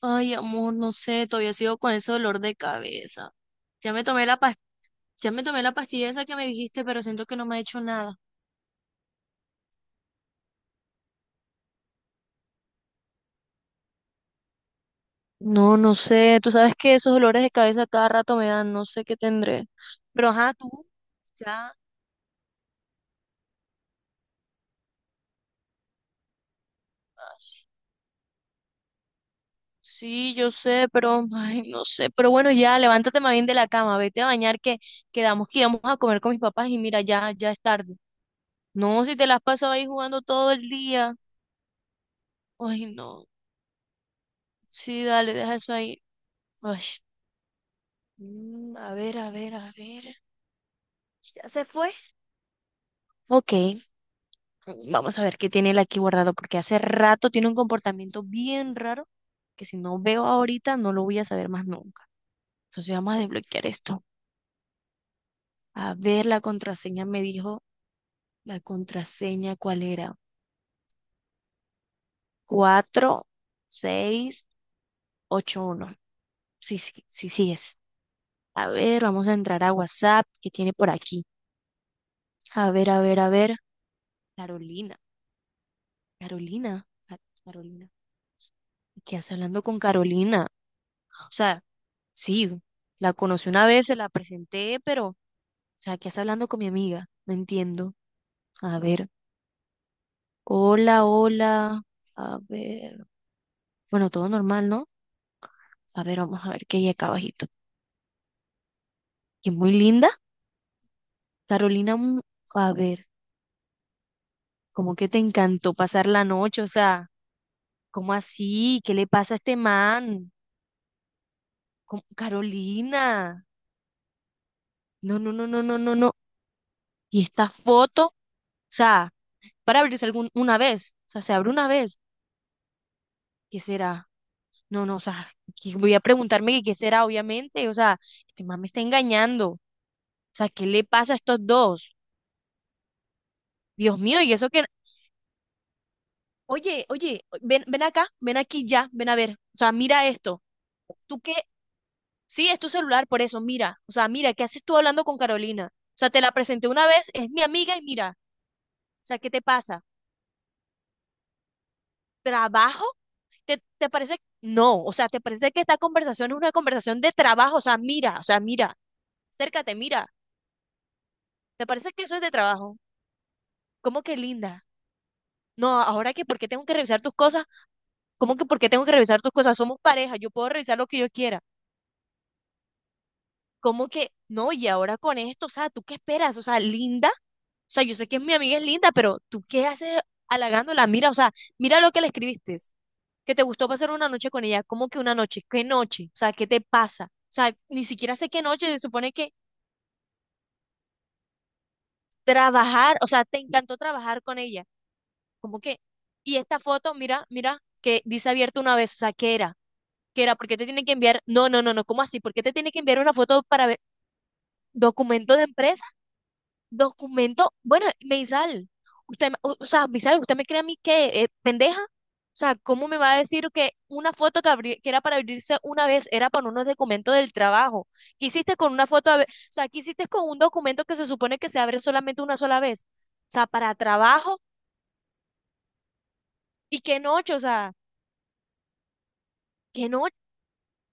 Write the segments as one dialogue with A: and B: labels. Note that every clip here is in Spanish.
A: Ay, amor, no sé, todavía sigo con ese dolor de cabeza. Ya me tomé la ya me tomé la pastilla esa que me dijiste, pero siento que no me ha hecho nada. No, no sé, tú sabes que esos dolores de cabeza cada rato me dan, no sé qué tendré. Pero ajá, tú, ya. Ay, sí, yo sé, pero ay, no sé. Pero bueno, ya, levántate más bien de la cama, vete a bañar que quedamos que íbamos a comer con mis papás y mira, ya, ya es tarde. No, si te las pasas ahí jugando todo el día. Ay, no. Sí, dale, deja eso ahí. Ay. A ver, a ver, a ver. ¿Ya se fue? Ok, vamos a ver qué tiene él aquí guardado, porque hace rato tiene un comportamiento bien raro que si no veo ahorita no lo voy a saber más nunca. Entonces vamos a desbloquear esto. A ver, la contraseña me dijo, la contraseña, ¿cuál era? 4681. Sí, sí, sí, sí es. A ver, vamos a entrar a WhatsApp, ¿qué tiene por aquí? A ver, a ver, a ver. Carolina, Carolina, Carolina. ¿Qué hace hablando con Carolina? O sea, sí, la conocí una vez, se la presenté, pero, o sea, ¿qué hace hablando con mi amiga? No entiendo. A ver, hola, hola. A ver, bueno, todo normal, ¿no? A ver, vamos a ver qué hay acá abajito. Que muy linda. Carolina, a ver, ¿cómo que te encantó pasar la noche? O sea, ¿cómo así? ¿Qué le pasa a este man? Carolina. No, no, no, no, no, no, no. ¿Y esta foto? O sea, para abrirse una vez. O sea, se abre una vez. ¿Qué será? No, no, o sea, y voy a preguntarme que qué será, obviamente. O sea, este man me está engañando. O sea, ¿qué le pasa a estos dos? Dios mío, y eso que... Oye, oye, ven, ven acá, ven aquí ya, ven a ver. O sea, mira esto. ¿Tú qué? Sí, es tu celular, por eso, mira. O sea, mira, ¿qué haces tú hablando con Carolina? O sea, te la presenté una vez, es mi amiga y mira. O sea, ¿qué te pasa? ¿Trabajo? ¿Te parece? No, o sea, ¿te parece que esta conversación es una conversación de trabajo? O sea, mira, acércate, mira. ¿Te parece que eso es de trabajo? ¿Cómo que linda? No, ahora que, ¿por qué tengo que revisar tus cosas? ¿Cómo que, por qué tengo que revisar tus cosas? Somos pareja, yo puedo revisar lo que yo quiera. ¿Cómo que, no, y ahora con esto, o sea, ¿tú qué esperas? O sea, linda, o sea, yo sé que mi amiga es linda, pero ¿tú qué haces halagándola? Mira, o sea, mira lo que le escribiste, que te gustó pasar una noche con ella. ¿Cómo que una noche? ¿Qué noche? O sea, ¿qué te pasa? O sea, ni siquiera sé qué noche, se supone que trabajar, o sea, te encantó trabajar con ella. Como que, y esta foto, mira, mira, que dice abierto una vez, o sea, ¿qué era? ¿Qué era? ¿Por qué te tiene que enviar? No, no, no, no, ¿cómo así? ¿Por qué te tiene que enviar una foto para ver documento de empresa? Documento, bueno, Meisal, usted, o sea, Meisal, ¿usted me cree a mí que pendeja? O sea, ¿cómo me va a decir que una foto que, que era para abrirse una vez era para unos documentos del trabajo? ¿Qué hiciste con una foto? O sea, ¿qué hiciste con un documento que se supone que se abre solamente una sola vez? O sea, para trabajo. Y qué noche, o sea, qué noche.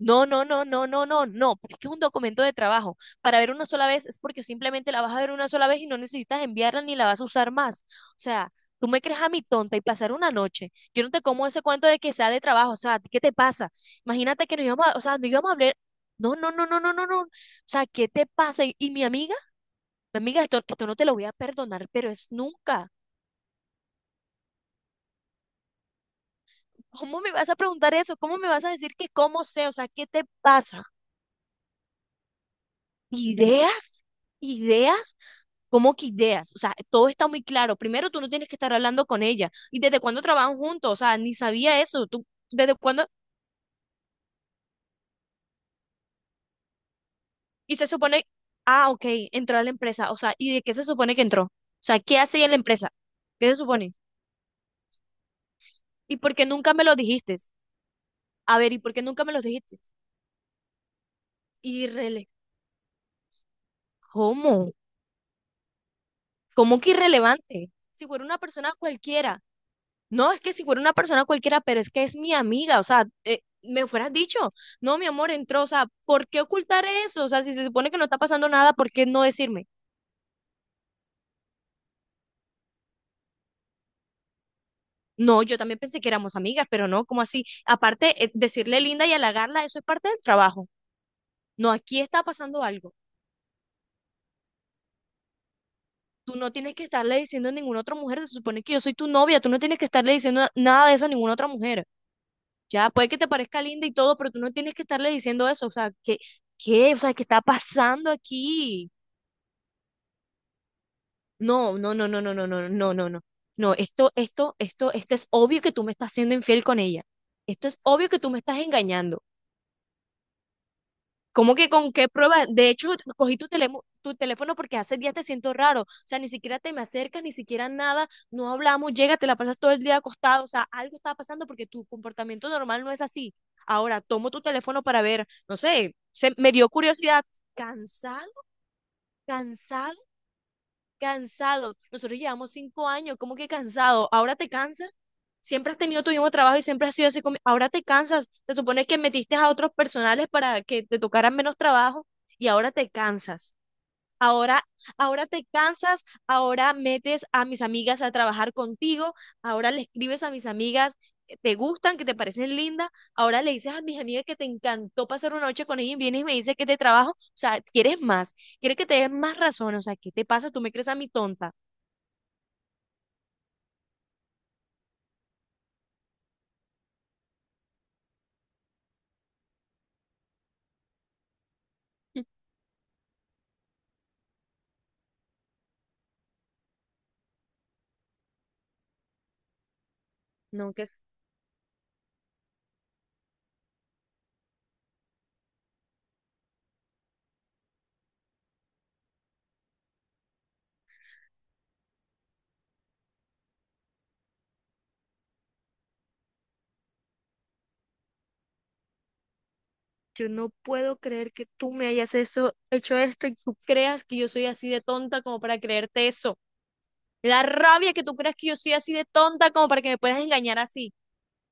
A: No, no, no, no, no, no, no, porque es un documento de trabajo. Para ver una sola vez es porque simplemente la vas a ver una sola vez y no necesitas enviarla ni la vas a usar más. O sea, tú me crees a mí tonta y pasar una noche. Yo no te como ese cuento de que sea de trabajo, o sea, ¿qué te pasa? Imagínate que nos íbamos a, o sea, nos íbamos a hablar. No, no, no, no, no, no, no. O sea, ¿qué te pasa? ¿Y mi amiga? Mi amiga, esto no te lo voy a perdonar, pero es nunca. ¿Cómo me vas a preguntar eso? ¿Cómo me vas a decir que cómo sé? O sea, ¿qué te pasa? Ideas, ideas, ¿cómo que ideas? O sea, todo está muy claro. Primero, tú no tienes que estar hablando con ella. ¿Y desde cuándo trabajan juntos? O sea, ni sabía eso. ¿Tú desde cuándo? Y se supone, ah, ok, entró a la empresa. O sea, ¿y de qué se supone que entró? O sea, ¿qué hace ella en la empresa? ¿Qué se supone? ¿Y por qué nunca me lo dijiste? A ver, ¿y por qué nunca me lo dijiste? Irrele, ¿Cómo? ¿Cómo que irrelevante? Si fuera una persona cualquiera. No, es que si fuera una persona cualquiera, pero es que es mi amiga, o sea, me hubieras dicho, no, mi amor, entró, o sea, ¿por qué ocultar eso? O sea, si se supone que no está pasando nada, ¿por qué no decirme? No, yo también pensé que éramos amigas, pero no, ¿cómo así? Aparte, decirle linda y halagarla, eso es parte del trabajo. No, aquí está pasando algo. Tú no tienes que estarle diciendo a ninguna otra mujer, se supone que yo soy tu novia, tú no tienes que estarle diciendo nada de eso a ninguna otra mujer. Ya, puede que te parezca linda y todo, pero tú no tienes que estarle diciendo eso, o sea, ¿qué, qué? O sea, ¿qué está pasando aquí? No, no, no, no, no, no, no, no, no, no. No, esto es obvio que tú me estás siendo infiel con ella. Esto es obvio que tú me estás engañando. ¿Cómo que con qué prueba? De hecho, cogí tu teléfono porque hace días te siento raro. O sea, ni siquiera te me acercas, ni siquiera nada. No hablamos, llega, te la pasas todo el día acostado. O sea, algo está pasando porque tu comportamiento normal no es así. Ahora, tomo tu teléfono para ver, no sé, se, me dio curiosidad. Cansado, cansado, cansado. Nosotros llevamos 5 años, ¿cómo que cansado? ¿Ahora te cansas? Siempre has tenido tu mismo trabajo y siempre has sido así. Ahora te cansas. Se supone que metiste a otros personales para que te tocaran menos trabajo y ahora te cansas. Ahora, ahora te cansas, ahora metes a mis amigas a trabajar contigo, ahora le escribes a mis amigas que te gustan, que te parecen lindas, ahora le dices a mis amigas que te encantó pasar una noche con ellas y vienes y me dices que te trabajo, o sea, quieres más. Quieres que te des más razón, o sea, ¿qué te pasa? Tú me crees a mi tonta. No, que yo no puedo creer que tú me hayas eso, hecho esto y tú creas que yo soy así de tonta como para creerte eso. Me da rabia que tú creas que yo soy así de tonta como para que me puedas engañar así.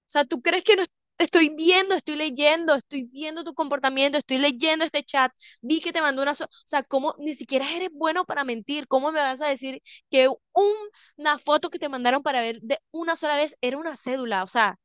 A: O sea, tú crees que no estoy viendo, estoy leyendo, estoy viendo tu comportamiento, estoy leyendo este chat, vi que te mandó una... o sea, ¿cómo ni siquiera eres bueno para mentir? ¿Cómo me vas a decir que una foto que te mandaron para ver de una sola vez era una cédula? O sea,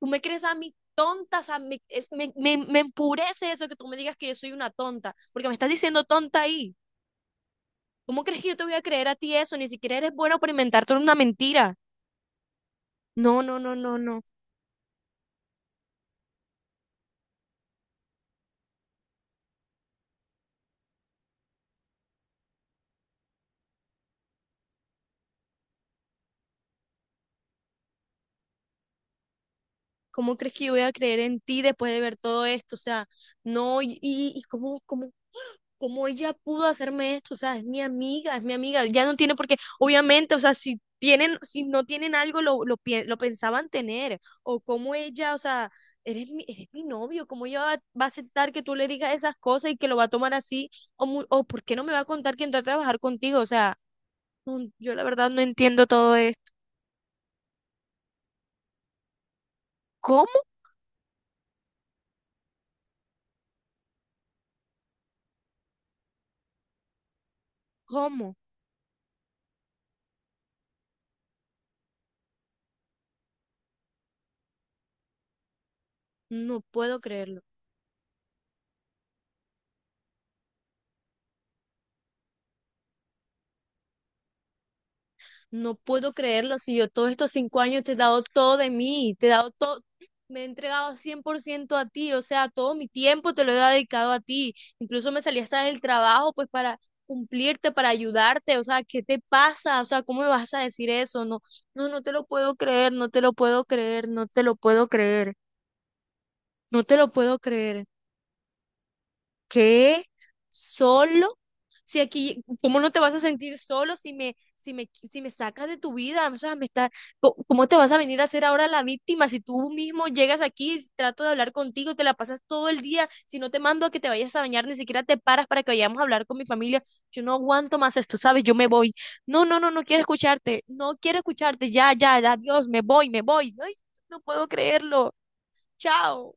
A: tú me crees a mí tonta, o sea, me empurece eso que tú me digas que yo soy una tonta, porque me estás diciendo tonta ahí. ¿Cómo crees que yo te voy a creer a ti eso? Ni siquiera eres bueno para inventarte una mentira. No, no, no, no, no. ¿Cómo crees que yo voy a creer en ti después de ver todo esto? O sea, no, y cómo ¿cómo ella pudo hacerme esto? O sea, es mi amiga, ya no tiene por qué, obviamente, o sea, si tienen, si no tienen algo, lo pensaban tener, o cómo ella, o sea, eres mi novio, cómo ella va, va a aceptar que tú le digas esas cosas y que lo va a tomar así, o por qué no me va a contar que entró a trabajar contigo, o sea, no, yo la verdad no entiendo todo esto. ¿Cómo? ¿Cómo? No puedo creerlo. No puedo creerlo, si yo todos estos 5 años te he dado todo de mí, te he dado todo, me he entregado 100% a ti, o sea, todo mi tiempo te lo he dedicado a ti, incluso me salí hasta del trabajo pues para cumplirte, para ayudarte, o sea, ¿qué te pasa? O sea, ¿cómo me vas a decir eso? No, no, no te lo puedo creer, no te lo puedo creer, no te lo puedo creer, no te lo puedo creer. ¿Qué? ¿Solo? Si aquí, ¿cómo no te vas a sentir solo si me, si me, si me sacas de tu vida? O sea, me está, ¿cómo te vas a venir a hacer ahora la víctima si tú mismo llegas aquí, trato de hablar contigo, te la pasas todo el día, si no te mando a que te vayas a bañar, ni siquiera te paras para que vayamos a hablar con mi familia, yo no aguanto más esto, ¿sabes? Yo me voy. No, no, no, no quiero escucharte, no quiero escucharte, ya, ya, ya, adiós, me voy, me voy. Ay, no puedo creerlo. Chao.